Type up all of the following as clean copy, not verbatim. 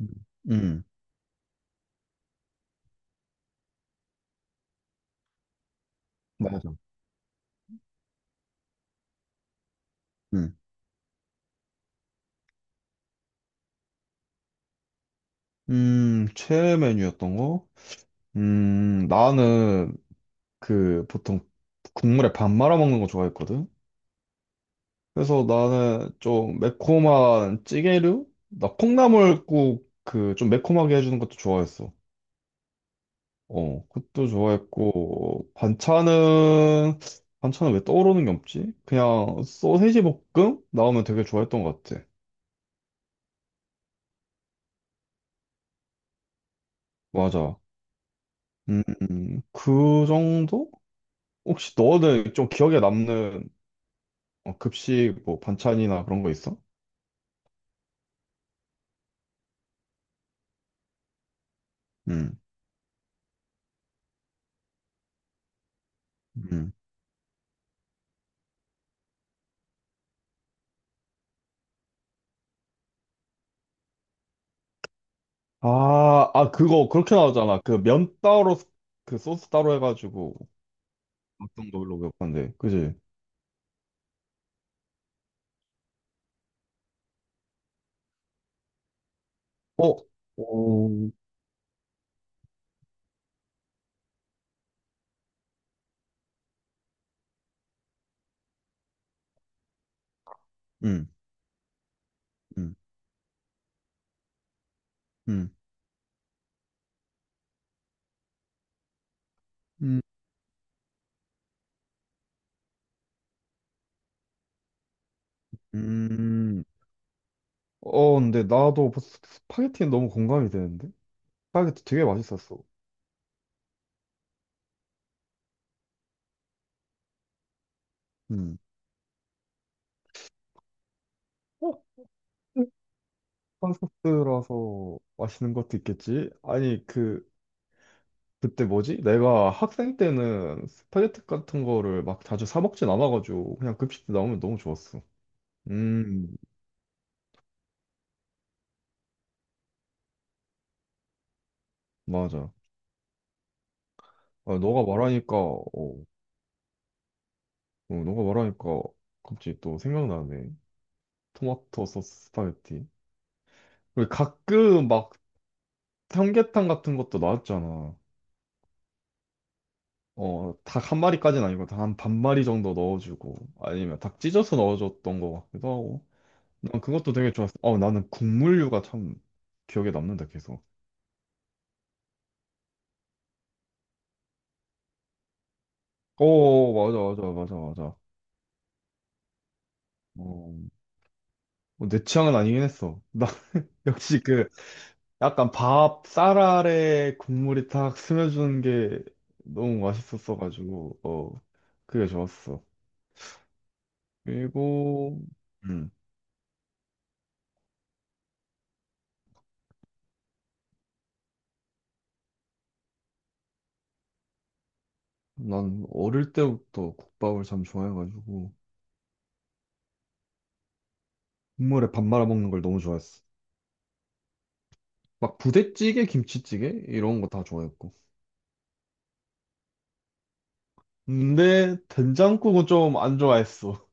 음. 음. 뭐, 맞아. 음, 최애 메뉴였던 거? 나는 그 보통 국물에 밥 말아 먹는 거 좋아했거든? 그래서 나는 좀 매콤한 찌개류? 나 콩나물국 그 좀 매콤하게 해주는 것도 좋아했어. 어, 그것도 좋아했고, 반찬은 왜 떠오르는 게 없지? 그냥 소세지 볶음? 나오면 되게 좋아했던 것 같아. 맞아. 음, 그 정도? 혹시 너는 좀 기억에 남는 급식 뭐 반찬이나 그런 거 있어? 음. 음. 아, 그거 그렇게 나오잖아. 그 면 따로 그 소스 따로 해가지고 어떤 걸로 먹었는데, 그지? 어. 어. 음. 음. 음. 음. 음, 근데 나도 벌써 스파게티는 너무 공감이 되는데? 스파게티 되게 맛있었어. 음. 어? 그 한 소스라서 맛있는 것도 있겠지? 아니, 그때 뭐지? 내가 학생 때는 스파게티 같은 거를 막 자주 사 먹진 않아가지고 그냥 급식 때 나오면 너무 좋았어. 음, 맞아. 아, 너가 말하니까 갑자기 또 생각나네. 토마토 소스 스파게티. 그리고 가끔 막 삼계탕 같은 것도 나왔잖아. 어, 닭 한 마리까지는 아니고 닭 한 반 마리 정도 넣어주고 아니면 닭 찢어서 넣어줬던 것 같기도 하고. 난 그것도 되게 좋았어. 어, 나는 국물류가 참 기억에 남는다, 계속. 오, 맞아, 맞아, 맞아, 맞아. 어, 어, 내 취향은 아니긴 했어. 나, 역시 그, 약간 밥, 쌀 아래 국물이 탁 스며주는 게 너무 맛있었어가지고, 그게 좋았어. 그리고, 음, 난 어릴 때부터 국밥을 참 좋아해가지고, 국물에 밥 말아 먹는 걸 너무 좋아했어. 막 부대찌개, 김치찌개? 이런 거 다 좋아했고. 근데, 된장국은 좀 안 좋아했어.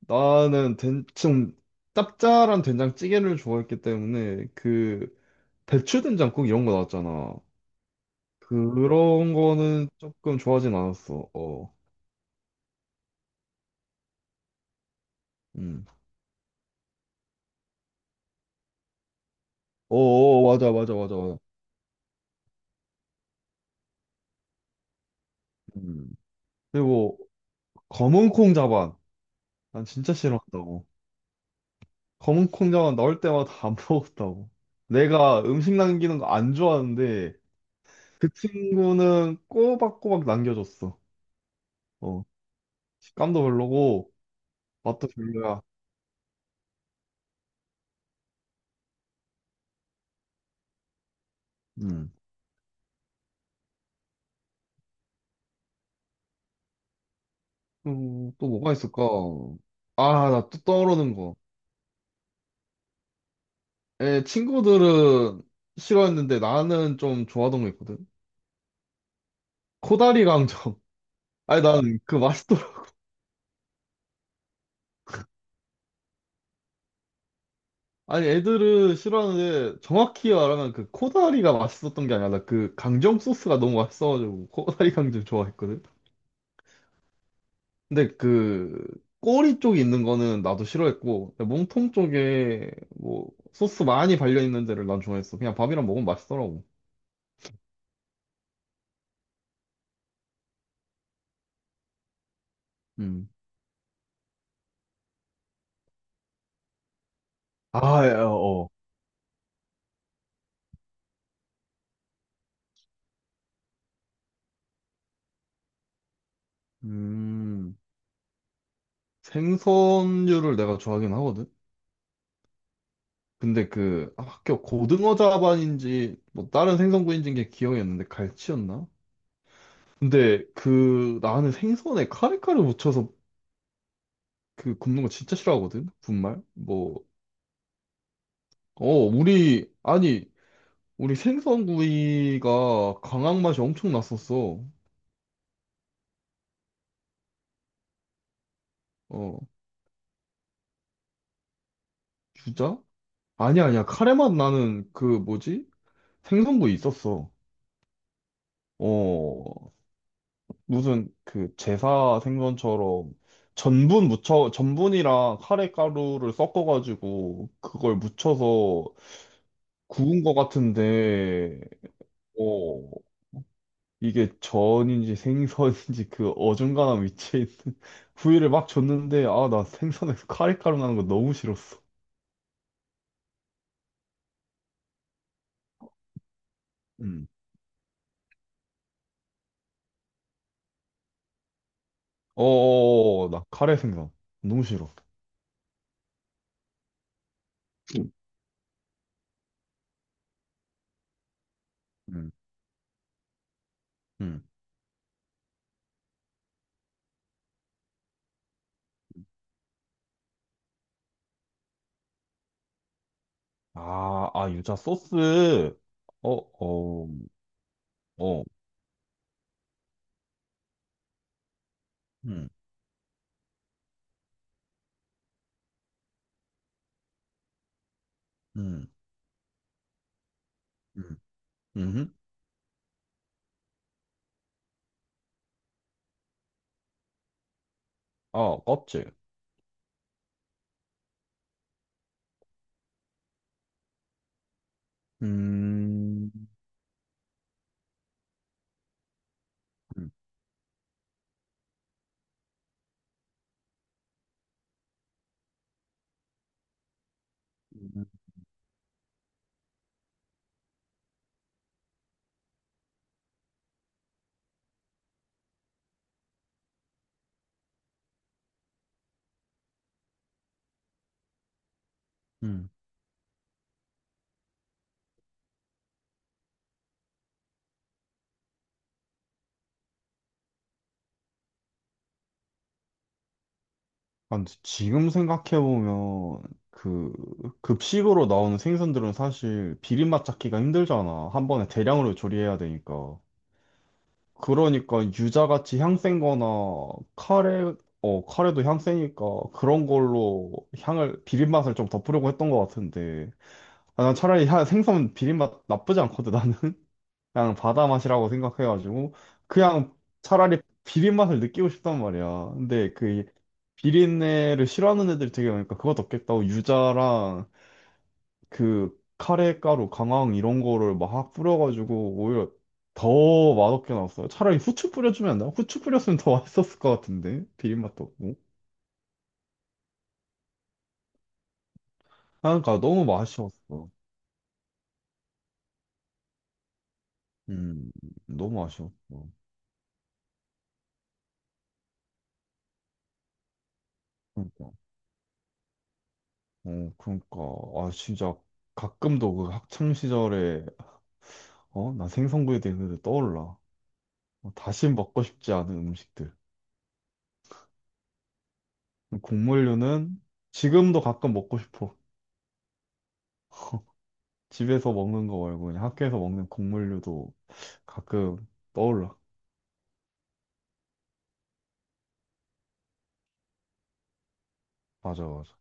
나는 좀 짭짤한 된장찌개를 좋아했기 때문에 그 배추 된장국 이런 거 나왔잖아. 그런 거는 조금 좋아하진 않았어. 어, 음, 어, 어, 어, 맞아, 맞아, 맞아, 맞아. 음. 그리고 검은 콩 자반, 난 진짜 싫어한다고. 검은 콩 자반 나올 때마다 안 먹었다고. 내가 음식 남기는 거 안 좋아하는데 그 친구는 꼬박꼬박 남겨줬어. 어, 식감도 별로고 맛도 별로야. 음. 또 뭐가 있을까? 아, 나 또 떠오르는 거. 친구들은 싫어했는데 나는 좀 좋아하던 거 있거든. 코다리 강정. 아니, 난 그 맛있더라. 아니, 애들은 싫어하는데 정확히 말하면 그 코다리가 맛있었던 게 아니라 그 강정 소스가 너무 맛있어가지고 코다리 강정 좋아했거든. 근데 그 꼬리 쪽에 있는 거는 나도 싫어했고 몸통 쪽에 뭐 소스 많이 발려 있는 데를 난 좋아했어. 그냥 밥이랑 먹으면 맛있더라고. 음. 아, 예, 어. 어. 음, 생선류를 내가 좋아하긴 하거든? 근데 그 학교 고등어 자반인지 뭐 다른 생선구이인지 게 기억이 안 나는데 갈치였나? 근데 그 나는 생선에 카레카를 묻혀서 그 굽는 거 진짜 싫어하거든? 분말? 뭐, 아니, 우리 생선구이가 강황 맛이 엄청 났었어. 어, 주자? 아니야, 아니야. 카레 맛 나는 그 뭐지? 생선구이 있었어. 어, 무슨 그 제사 생선처럼 전분이랑 카레 가루를 섞어가지고 그걸 무쳐서 구운 것 같은데 어 이게 전인지 생선인지 그 어중간한 위치에 있는 부위를 막 줬는데 아 나 생선에서 카레 가루 나는 거 너무 싫었어. 음. 어어어, 나 카레 생선 너무 싫어. 음. 음. 음. 아, 유자 소스. 어, 어, 어. 음. 음. 음. 음, 어, 껍질. 음, 음, 음. 아, 근데 지금 생각해보면, 그, 급식으로 나오는 생선들은 사실 비린맛 잡기가 힘들잖아. 한 번에 대량으로 조리해야 되니까. 그러니까 유자같이 향센 거나 카레, 카레도 향 세니까 그런 걸로 향을, 비린맛을 좀 덮으려고 했던 것 같은데. 아, 난 차라리 생선 비린맛 나쁘지 않거든, 나는. 그냥 바다 맛이라고 생각해가지고 그냥 차라리 비린 맛을 느끼고 싶단 말이야. 근데 그 비린내를 싫어하는 애들이 되게 많으니까 그것도 없겠다고 유자랑 그 카레가루, 강황 이런 거를 막 뿌려가지고 오히려 더 맛없게 나왔어요. 차라리 후추 뿌려주면 안 돼? 후추 뿌렸으면 더 맛있었을 것 같은데 비린 맛도 없고. 그러니까 너무 아쉬웠어. 음, 너무 아쉬웠어. 그러니까, 그러니까 아 진짜 가끔도 그 학창 시절에 나 생선구이 되는데 떠올라. 다시 먹고 싶지 않은 음식들. 곡물류는 지금도 가끔 먹고 싶어. 집에서 먹는 거 말고 그냥 학교에서 먹는 곡물류도 가끔 떠올라. 맞아, 맞아.